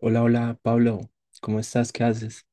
Hola, hola, Pablo, ¿cómo estás? ¿Qué haces?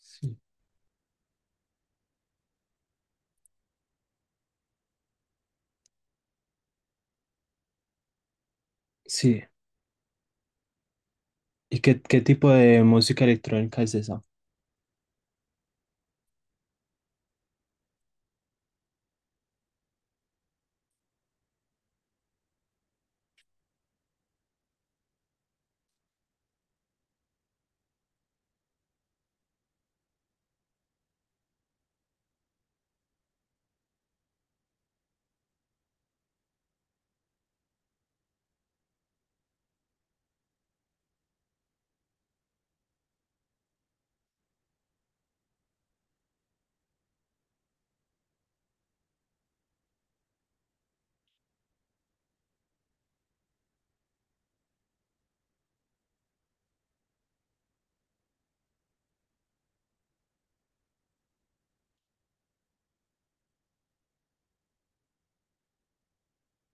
Sí. Sí, ¿y qué, qué tipo de música electrónica es esa?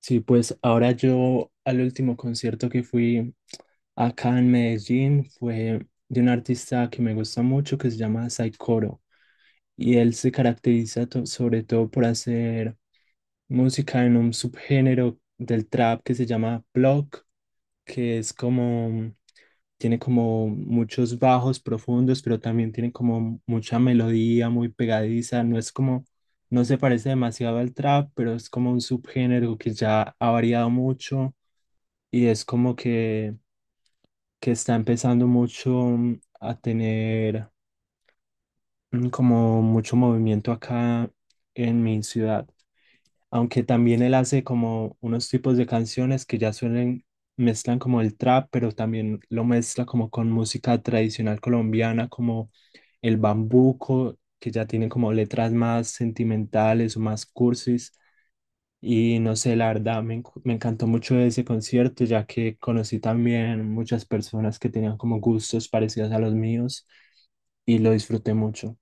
Sí, pues ahora yo al último concierto que fui acá en Medellín fue de un artista que me gusta mucho que se llama Saikoro y él se caracteriza sobre todo por hacer música en un subgénero del trap que se llama block, que es como, tiene como muchos bajos profundos, pero también tiene como mucha melodía muy pegadiza. No es como, no se parece demasiado al trap, pero es como un subgénero que ya ha variado mucho y es como que está empezando mucho a tener como mucho movimiento acá en mi ciudad. Aunque también él hace como unos tipos de canciones que ya suelen, mezclan como el trap, pero también lo mezcla como con música tradicional colombiana, como el bambuco, que ya tiene como letras más sentimentales o más cursis. Y no sé, la verdad, me encantó mucho ese concierto, ya que conocí también muchas personas que tenían como gustos parecidos a los míos y lo disfruté mucho.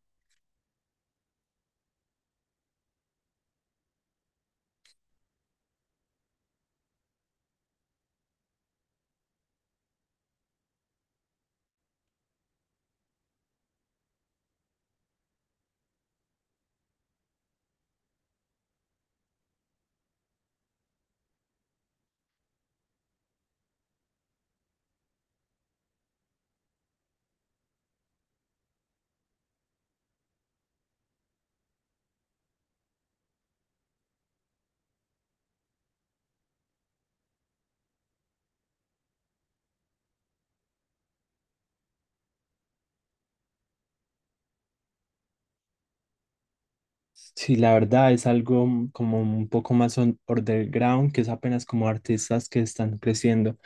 Sí, la verdad es algo como un poco más underground, que es apenas como artistas que están creciendo.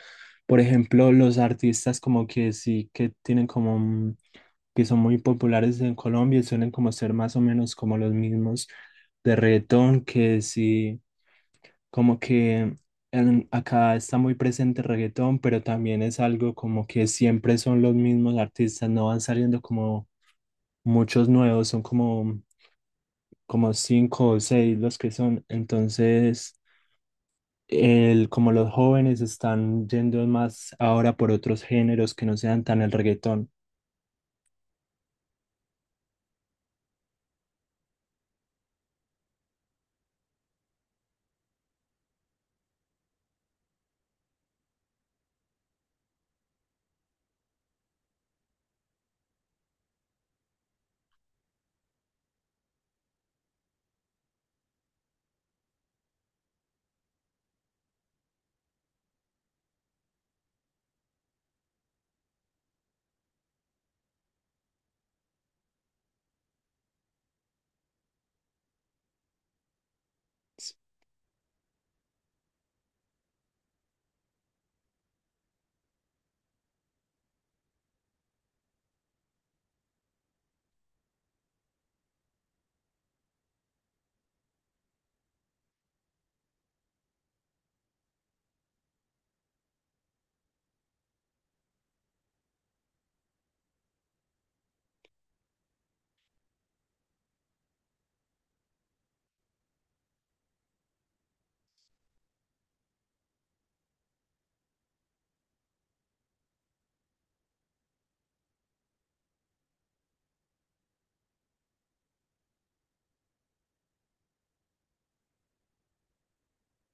Por ejemplo, los artistas como que sí que tienen como que son muy populares en Colombia y suelen como ser más o menos como los mismos de reggaetón, que sí, como que acá está muy presente reggaetón, pero también es algo como que siempre son los mismos artistas, no van saliendo como muchos nuevos, son como cinco o seis los que son. Entonces, como los jóvenes están yendo más ahora por otros géneros que no sean tan el reggaetón.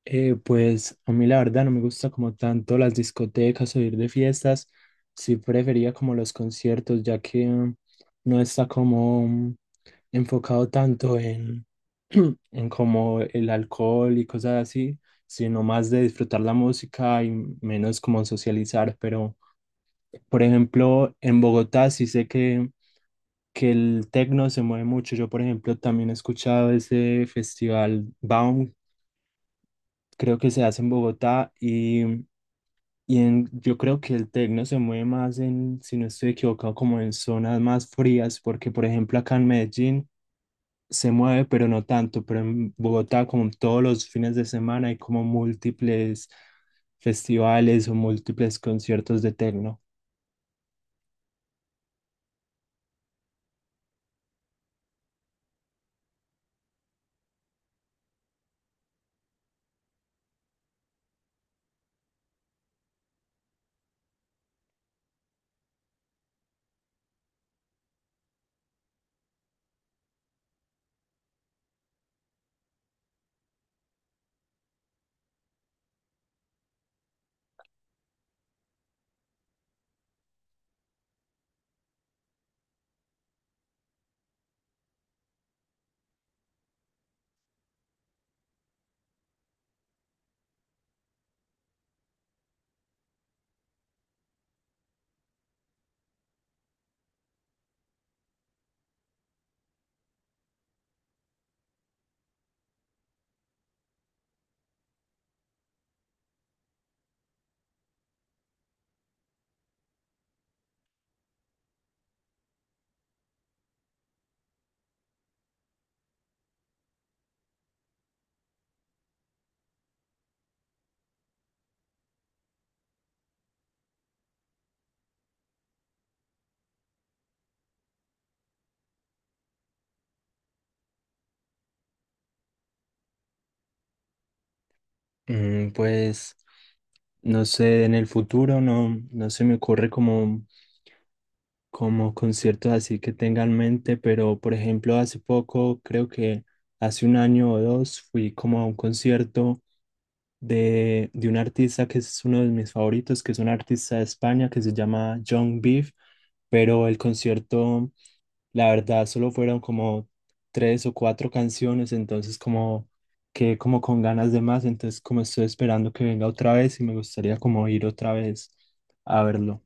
Pues a mí la verdad no me gusta como tanto las discotecas o ir de fiestas. Sí prefería como los conciertos, ya que no está como enfocado tanto en como el alcohol y cosas así, sino más de disfrutar la música y menos como socializar, pero... Por ejemplo, en Bogotá sí sé que el tecno se mueve mucho. Yo, por ejemplo, también he escuchado ese festival Baum, creo que se hace en Bogotá y, yo creo que el tecno se mueve más en, si no estoy equivocado, como en zonas más frías, porque, por ejemplo, acá en Medellín se mueve, pero no tanto. Pero en Bogotá, como todos los fines de semana, hay como múltiples festivales o múltiples conciertos de tecno. Pues no sé, en el futuro no se me ocurre como, como conciertos así que tenga en mente, pero por ejemplo hace poco, creo que hace un año o dos, fui como a un concierto de un artista que es uno de mis favoritos, que es un artista de España que se llama John Beef, pero el concierto, la verdad, solo fueron como tres o cuatro canciones, entonces como quedé como con ganas de más, entonces como estoy esperando que venga otra vez y me gustaría como ir otra vez a verlo.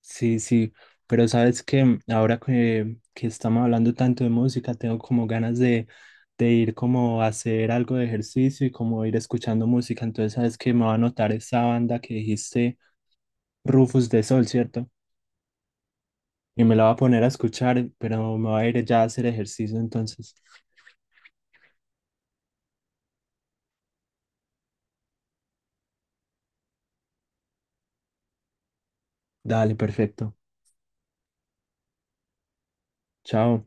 Sí, sí, pero sabes que ahora que estamos hablando tanto de música, tengo como ganas de ir como a hacer algo de ejercicio y como ir escuchando música. Entonces sabes que me va a notar esa banda que dijiste, Rufus de Sol, ¿cierto? Y me la va a poner a escuchar, pero me va a ir ya a hacer ejercicio entonces. Dale, perfecto. Chao.